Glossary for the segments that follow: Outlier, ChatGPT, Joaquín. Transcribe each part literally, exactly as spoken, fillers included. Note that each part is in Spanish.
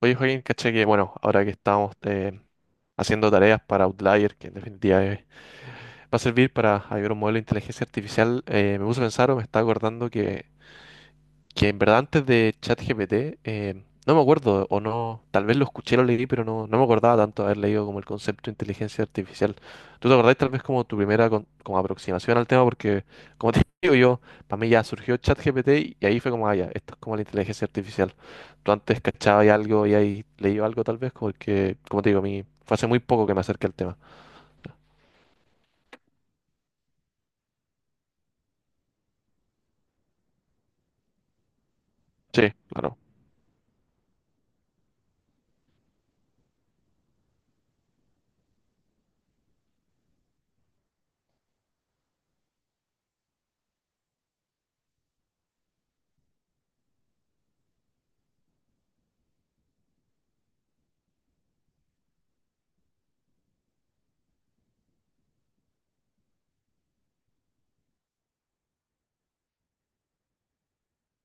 Oye, Joaquín, caché que, bueno, ahora que estamos eh, haciendo tareas para Outlier, que en definitiva es- va a servir para hallar un modelo de inteligencia artificial, eh, me puse a pensar o me estaba acordando que, que en verdad antes de ChatGPT, eh, no me acuerdo, o no, tal vez lo escuché, lo leí, pero no, no me acordaba tanto de haber leído como el concepto de inteligencia artificial. ¿Tú te acordás tal vez como tu primera con- como aproximación al tema? Porque, como te digo yo, para mí ya surgió ChatGPT y ahí fue como, ah, ya, esto es como la inteligencia artificial, tú antes cachabas algo y ahí leído algo tal vez, porque, como te digo, a mí fue hace muy poco que me acerqué al tema. Sí, claro,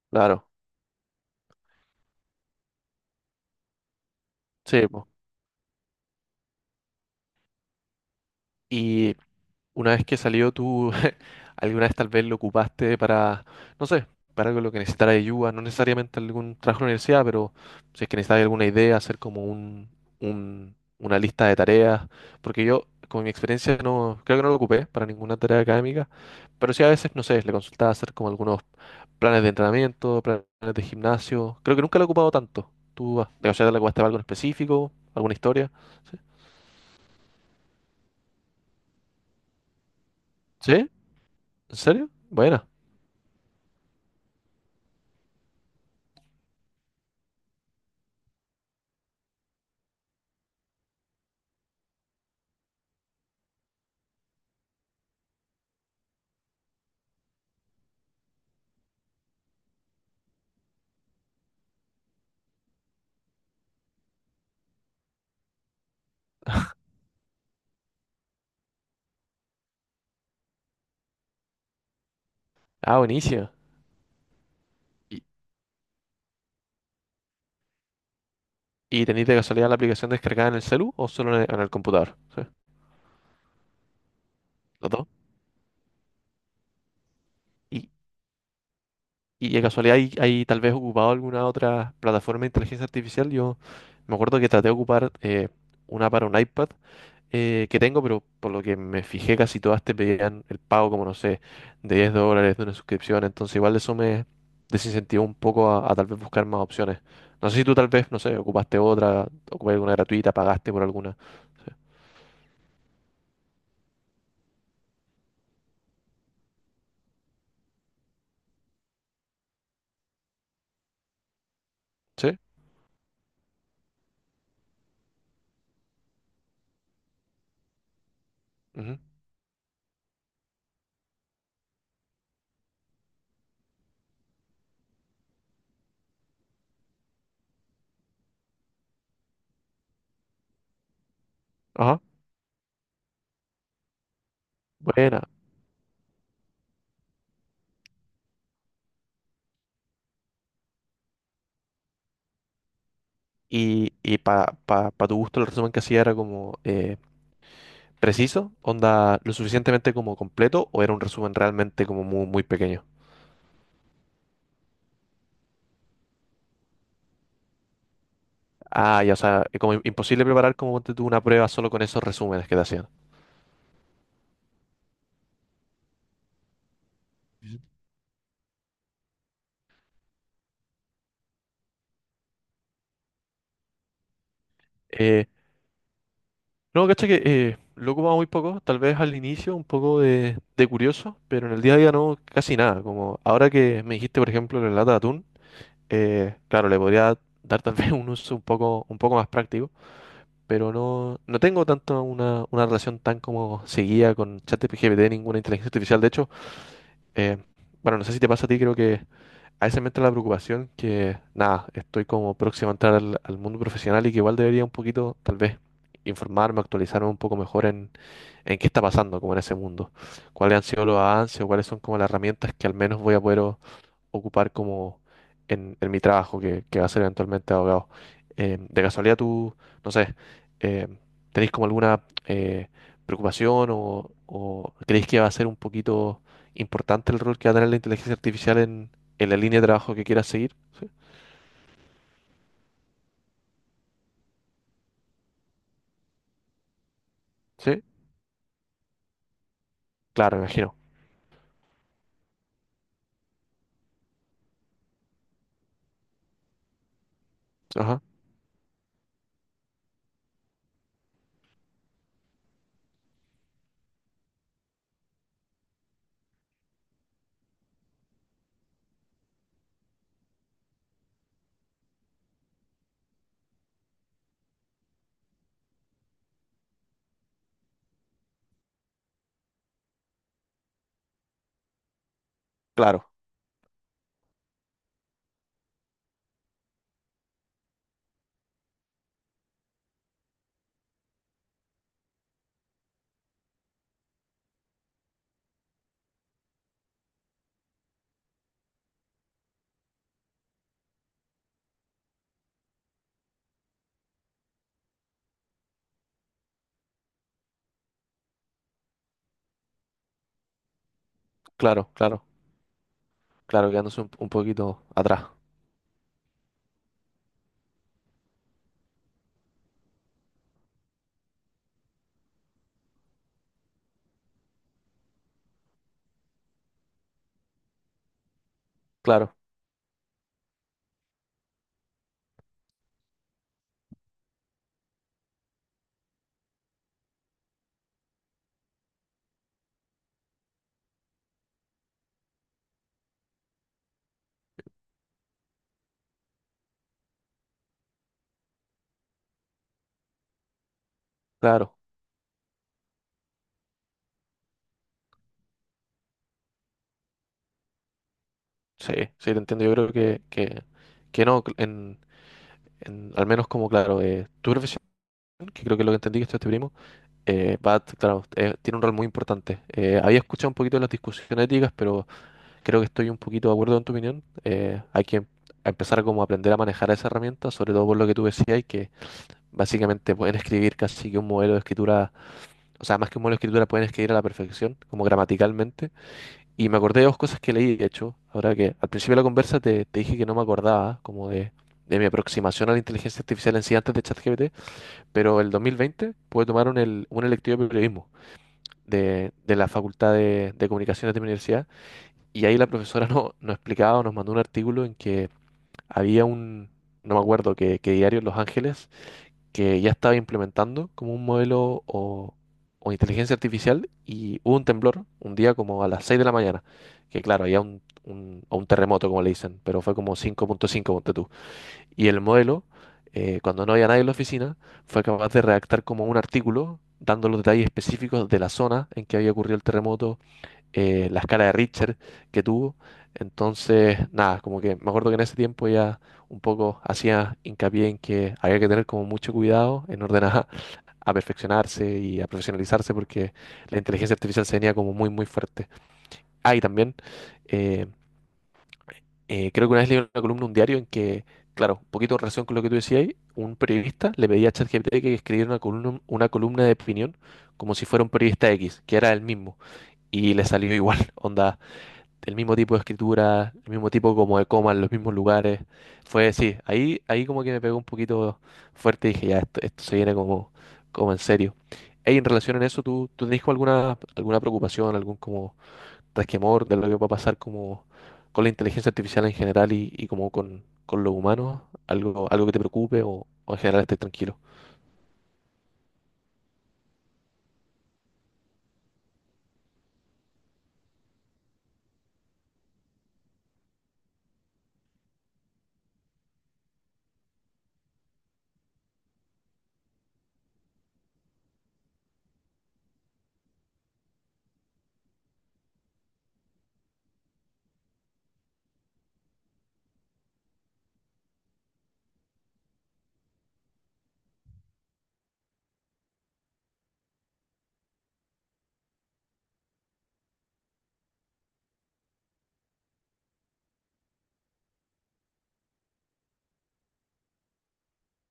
claro, sí, po. Y Una vez que salió, tú alguna vez tal vez lo ocupaste para, no sé, para algo en lo que necesitara ayuda, no necesariamente algún trabajo en la universidad, pero si es que necesitas alguna idea, hacer como un, un- una lista de tareas, porque yo, con mi experiencia, no, creo que no lo ocupé para ninguna tarea académica, pero sí a veces, no sé, le consultaba hacer como algunos planes de entrenamiento, planes de gimnasio, creo que nunca lo he ocupado tanto. ¿Tú, ah, o sea, te lo ocupaste para algo en específico, alguna historia? ¿Sí? ¿Sí? ¿En serio? Buena. Ah, buenísima. ¿Y tenéis de casualidad la aplicación descargada en el celu o solo en el, en el computador? Sí, los dos. ¿Y, y de casualidad hay, hay tal vez ocupado alguna otra plataforma de inteligencia artificial? Yo me acuerdo que traté de ocupar eh, una para un iPad eh, que tengo, pero por lo que me fijé casi todas te pedían el pago, como no sé, de diez dólares de una suscripción. Entonces igual eso me desincentivó un poco a, a tal vez buscar más opciones. No sé si tú tal vez, no sé, ocupaste otra, ocupaste alguna gratuita, pagaste por alguna. Sí. ¿Sí? Ujú. Ajá. Buena. Y, y para tu gusto, el resumen que hacía era como eh, preciso, onda lo suficientemente como completo, o era un resumen realmente como muy, muy pequeño. Ah, ya, o sea, es como im- imposible preparar como ponte tú una prueba solo con esos resúmenes que te hacían. Ujú. Eh, no, cacha que eh, lo ocupaba muy poco, tal vez al inicio un poco de, de curioso, pero en el día a día no, casi nada. Como ahora que me dijiste, por ejemplo, la lata de atún, eh, claro, le podría dar tal vez un uso un poco, un poco más práctico. Pero no, no tengo tanto una, una relación tan como seguía con ChatGPT, ninguna inteligencia artificial. De hecho, eh, bueno, no sé si te pasa a ti, creo que a veces me entra la preocupación que, nada, estoy como próximo a entrar al, al mundo profesional y que igual debería un poquito, tal vez, informarme, actualizarme un poco mejor en, en qué está pasando como en ese mundo, cuáles han sido los avances o cuáles son como las herramientas que al menos voy a poder ocupar como en, en mi trabajo, que, que va a ser eventualmente abogado. Eh, de casualidad tú, no sé, eh, ¿tenéis como alguna eh, preocupación o, o creéis que va a ser un poquito importante el rol que va a tener la inteligencia artificial en, en la línea de trabajo que quieras seguir? ¿Sí? ¿Sí? Claro, me imagino. Ajá. Claro, claro, claro, claro, quedándose un, un poquito atrás. Claro, claro. Sí, sí, te entiendo. Yo creo que, que, que no, en, en- al menos como claro, eh, tu profesión que creo que es lo que entendí que esto es este primo, eh, Bat, claro, eh, tiene un rol muy importante. Eh, había escuchado un poquito de las discusiones éticas, pero creo que estoy un poquito de acuerdo en tu opinión. Eh, hay que empezar como a aprender a manejar esa herramienta, sobre todo por lo que tú decías, y que básicamente pueden escribir casi que un modelo de escritura, o sea, más que un modelo de escritura, pueden escribir a la perfección, como gramaticalmente. Y me acordé de dos cosas que leí, de hecho, ahora que al principio de la conversa te, te dije que no me acordaba, como de, de mi aproximación a la inteligencia artificial en sí antes de ChatGPT, pero el dos mil veinte pude tomar un, el- un electivo de periodismo de, de la Facultad de, de Comunicaciones de mi universidad, y ahí la profesora no, nos explicaba, nos mandó un artículo en que había un, no me acuerdo qué qué diario en Los Ángeles, que ya estaba implementando como un modelo o, o inteligencia artificial, y hubo un temblor un día como a las seis de la mañana, que claro, había un, un, o un terremoto como le dicen, pero fue como cinco punto cinco, ponte tú. Y el modelo, eh, cuando no había nadie en la oficina, fue capaz de redactar como un artículo dando los detalles específicos de la zona en que había ocurrido el terremoto, eh, la escala de Richter que tuvo. Entonces, nada, como que me acuerdo que en ese tiempo ya un poco hacía hincapié en que había que tener como mucho cuidado en orden a, a perfeccionarse y a profesionalizarse porque la inteligencia artificial se venía como muy, muy fuerte. Ah, y también eh, eh, creo que una vez leí una columna, en un diario, en que, claro, un poquito en relación con lo que tú decías, ahí, un periodista le pedía a ChatGPT que escribiera una columna, una columna de opinión como si fuera un periodista X, que era el mismo, y le salió igual, onda, el mismo tipo de escritura, el mismo tipo como de coma, en los mismos lugares. Fue, sí, ahí, ahí como que me pegó un poquito fuerte y dije, ya, esto, esto se viene como, como en serio. Ey, en relación a eso, ¿tú, tú tenés como alguna, alguna preocupación, algún como resquemor de lo que va a pasar como con la inteligencia artificial en general y, y como con, con los humanos, algo, algo que te preocupe o, o en general estés tranquilo?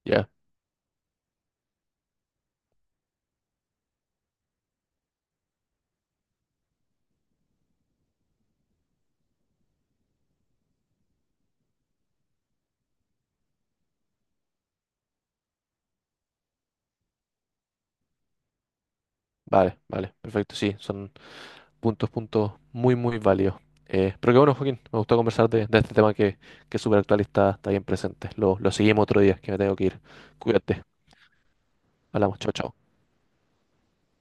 Ya, vale, vale, perfecto, sí, son puntos, puntos muy, muy válidos. Eh, pero qué bueno, Joaquín, me gustó conversar de, de este tema que, que es súper actual y está, está bien presente. Lo, lo seguimos otro día, que me tengo que ir. Cuídate, hablamos, chao, chao.